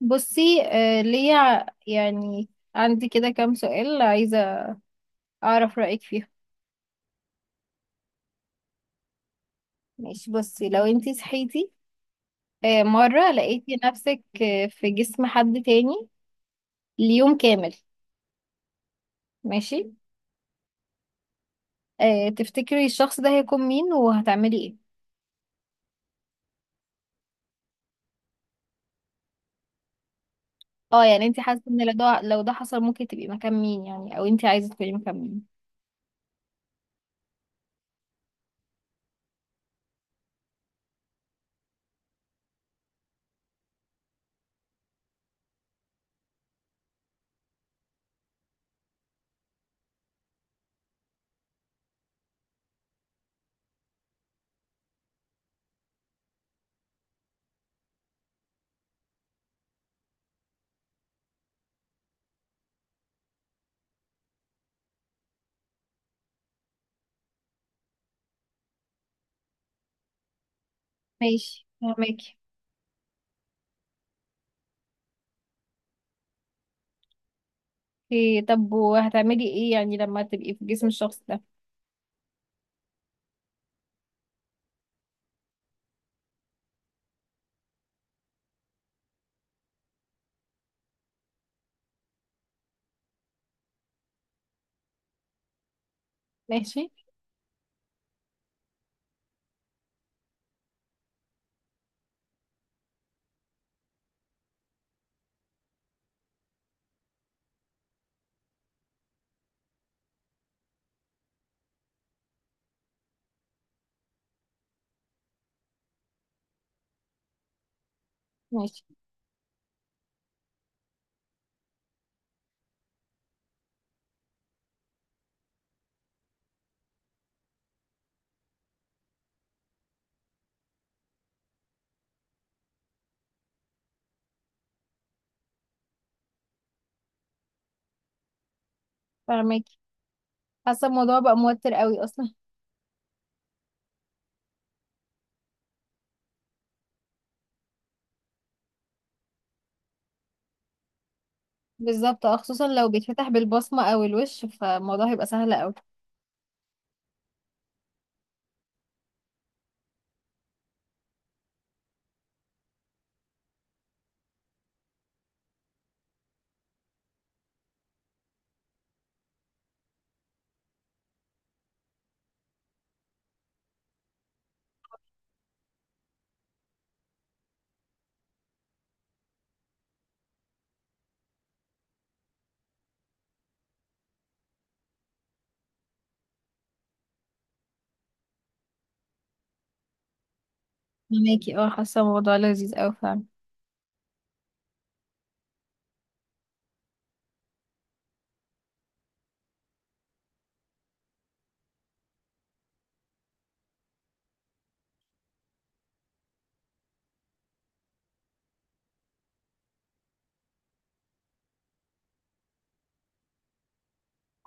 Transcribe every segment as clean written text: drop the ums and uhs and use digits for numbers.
بصي آه ليا يعني عندي كده كام سؤال عايزة أعرف رأيك فيهم. ماشي، بصي لو انتي صحيتي مرة لقيتي نفسك في جسم حد تاني ليوم كامل. ماشي، آه تفتكري الشخص ده هيكون مين وهتعملي ايه؟ اه يعني انتي حاسة ان لو ده حصل ممكن تبقي مكان مين يعني، او انتي عايزة تكوني مكان مين؟ ماشي، فهماكي. إيه، طب وهتعملي ايه يعني لما تبقي في جسم الشخص ده؟ ماشي. ماشي، فهماكي. حاسة الموضوع بقى موتر قوي اصلا. بالظبط، اه خصوصا لو بيتفتح بالبصمة او الوش فالموضوع هيبقى سهل اوي. فهماكي، اه حاسة الموضوع لذيذ اوي فعلا.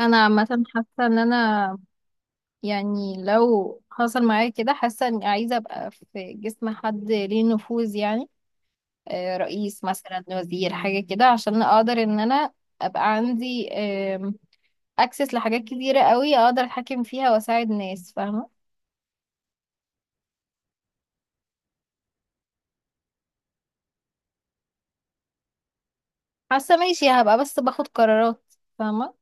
انا عامة حاسة ان انا يعني لو حصل معايا كده حاسة اني عايزة ابقى في جسم حد ليه نفوذ يعني، رئيس مثلا، وزير، حاجة كده عشان اقدر ان انا ابقى عندي اكسس لحاجات كتيرة قوي اقدر اتحكم فيها واساعد ناس، فاهمة. حاسة ماشي، هبقى بس باخد قرارات، فاهمة.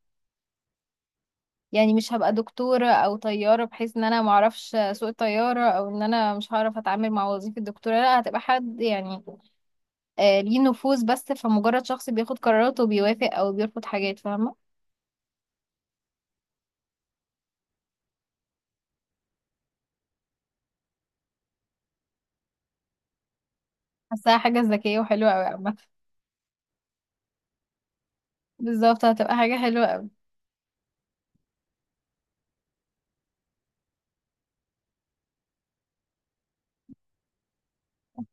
يعني مش هبقى دكتورة او طيارة بحيث ان انا معرفش سوق طيارة او ان انا مش هعرف اتعامل مع وظيفة الدكتورة، لا هتبقى حد يعني آه ليه نفوذ بس، فمجرد شخص بياخد قرارات وبيوافق او بيرفض حاجات، فاهمة. حاساها حاجة ذكية وحلوة اوي عامة. بالظبط، هتبقى حاجة حلوة اوي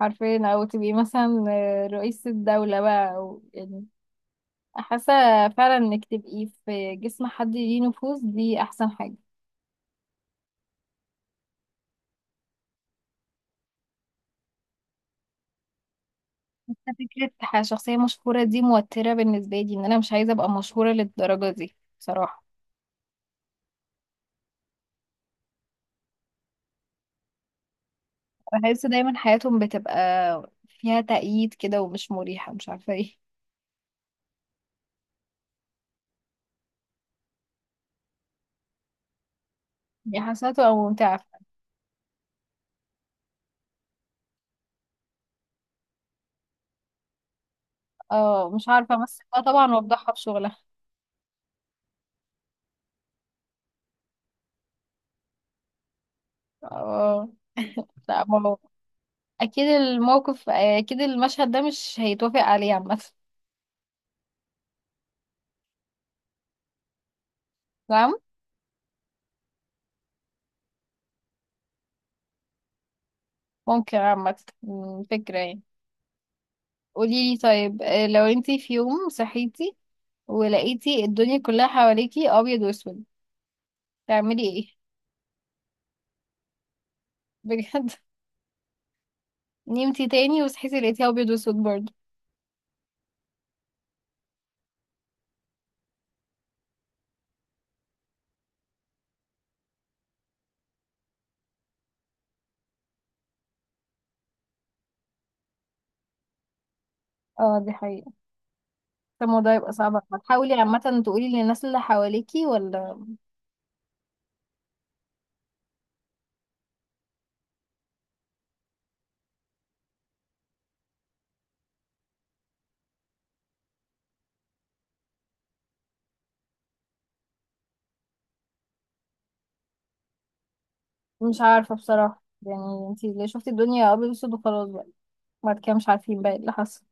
حرفيا، او تبقي مثلا رئيس الدولة بقى او يعني حاسة فعلا انك تبقي في جسم حد ليه نفوذ دي احسن حاجة. فكرة شخصية مشهورة دي موترة بالنسبة لي، ان انا مش عايزة ابقى مشهورة للدرجة دي بصراحة. بحس دايما حياتهم بتبقى فيها تأييد كده ومش مريحة، مش عارفة ايه. دي حسناته او ممتعة. اه، مش عارفة امثلها طبعا وافضحها في شغلها. اه. لا ما هو اكيد الموقف، اكيد المشهد ده مش هيتوافق عليه عامة. نعم. ممكن عامة. فكرة يعني. قوليلي طيب، لو انتي في يوم صحيتي ولقيتي الدنيا كلها حواليكي ابيض واسود تعملي ايه؟ بجد. نمتي تاني وصحيتي لقيتيها ابيض واسود برضه. اه دي حقيقة. طب الموضوع يبقى صعب أوي. هتحاولي عامة تقولي للناس اللي حواليكي ولا؟ مش عارفة بصراحة يعني انتي اللي شفتي الدنيا ابيض واسود وخلاص بقى، بعد كده مش عارفين بقى ايه اللي حصل.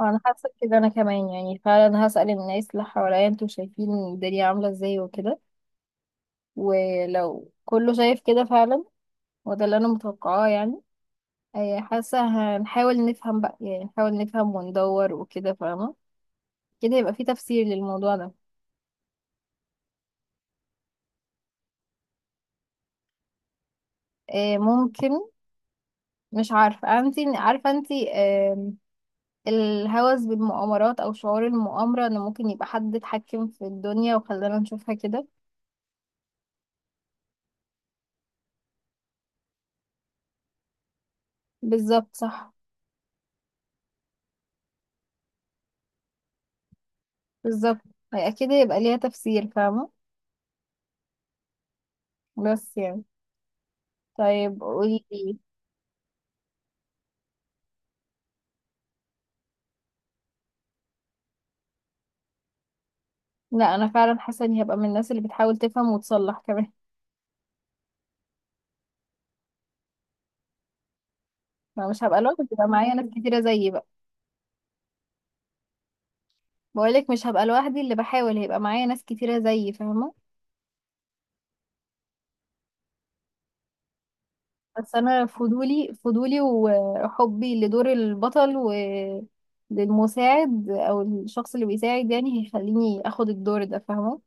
اه انا حاسة كده، انا كمان يعني فعلا هسأل الناس اللي حواليا انتوا شايفين الدنيا عاملة ازاي وكده، ولو كله شايف كده فعلا، وده اللي انا متوقعاه يعني. حاسة هنحاول نفهم بقى، يعني نحاول نفهم وندور وكده، فاهمة. كده يبقى في تفسير للموضوع ده. ممكن. مش عارفة، انت عارفة انت الهوس بالمؤامرات او شعور المؤامرة ان ممكن يبقى حد اتحكم في الدنيا وخلانا نشوفها كده. بالظبط، صح. بالظبط. هي كده يبقى ليها تفسير، فاهمة. بس يعني، طيب قولي لي. لا انا فعلا حاسة اني هبقى من الناس اللي بتحاول تفهم وتصلح كمان. ما مش هبقى لوحدي، هيبقى معايا ناس كتيرة زيي بقى. بقولك مش هبقى لوحدي، اللي بحاول هيبقى معايا ناس كتيرة زيي، فاهمة. بس انا فضولي، فضولي وحبي لدور البطل وللمساعد او الشخص اللي بيساعد يعني هيخليني اخد الدور ده، فاهمه.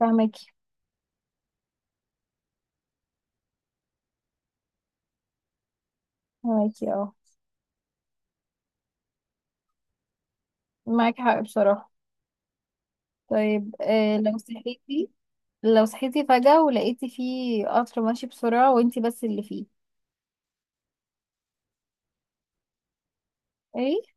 فاهمكي. فاهمكي اه. معاكي حق بصراحه. طيب، آه لو صحيتي، لو صحيتي فجأة ولقيتي فيه قطر ماشي بسرعة وانتي بس اللي فيه؟ ايه؟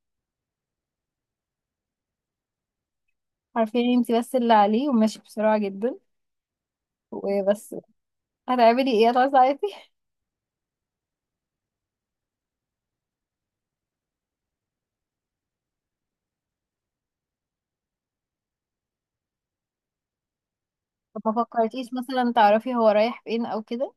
عارفين انتي بس اللي عليه وماشي بسرعة جدا وبس. هتعملي ايه، هتعوزي تعيطي؟ طب ما فكرتيش مثلا تعرفي هو رايح فين او كده؟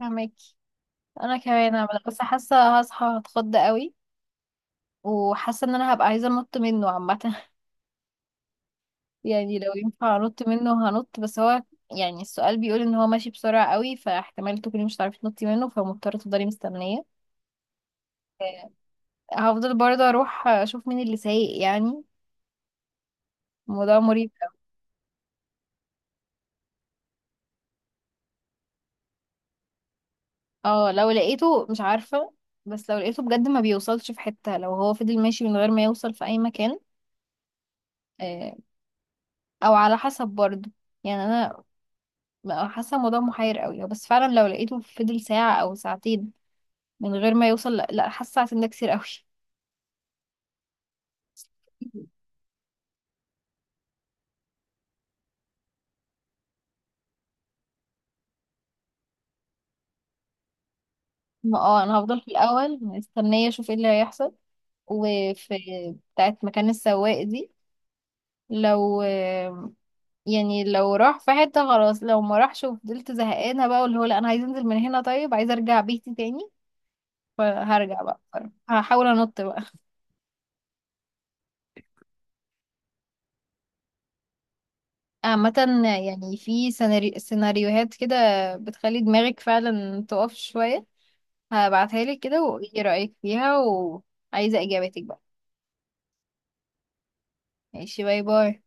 فهماكي. انا كمان، انا بس حاسه هصحى هتخض قوي وحاسه ان انا هبقى عايزه انط منه عامه. يعني لو ينفع انط منه هنط، بس هو يعني السؤال بيقول ان هو ماشي بسرعه قوي فاحتمال تكوني مش هتعرفي تنطي منه فمضطره تفضلي مستنيه. آه، هفضل برضه اروح اشوف مين اللي سايق يعني. الموضوع مريب أوي. اه لو لقيته مش عارفه، بس لو لقيته بجد ما بيوصلش في حته، لو هو فضل ماشي من غير ما يوصل في اي مكان، آه، او على حسب برضه. يعني انا بقى حاسه الموضوع محير قوي، بس فعلا لو لقيته فضل ساعه او ساعتين من غير ما يوصل، لا, لا حاسه ساعتين ده كتير قوي. ما اه انا هفضل في الاول مستنيه اشوف ايه اللي هيحصل، وفي بتاعت مكان السواق دي لو، يعني لو راح في حته خلاص، لو ما راحش وفضلت زهقانه بقى واللي هو لا انا عايز انزل من هنا، طيب عايز ارجع بيتي تاني، فهرجع بقى بصراحة. هحاول انط بقى. عامة يعني في سيناريوهات كده بتخلي دماغك فعلا تقف شوية. هبعتها لك كده وايه رأيك فيها وعايزة اجابتك بقى. ماشي، باي باي.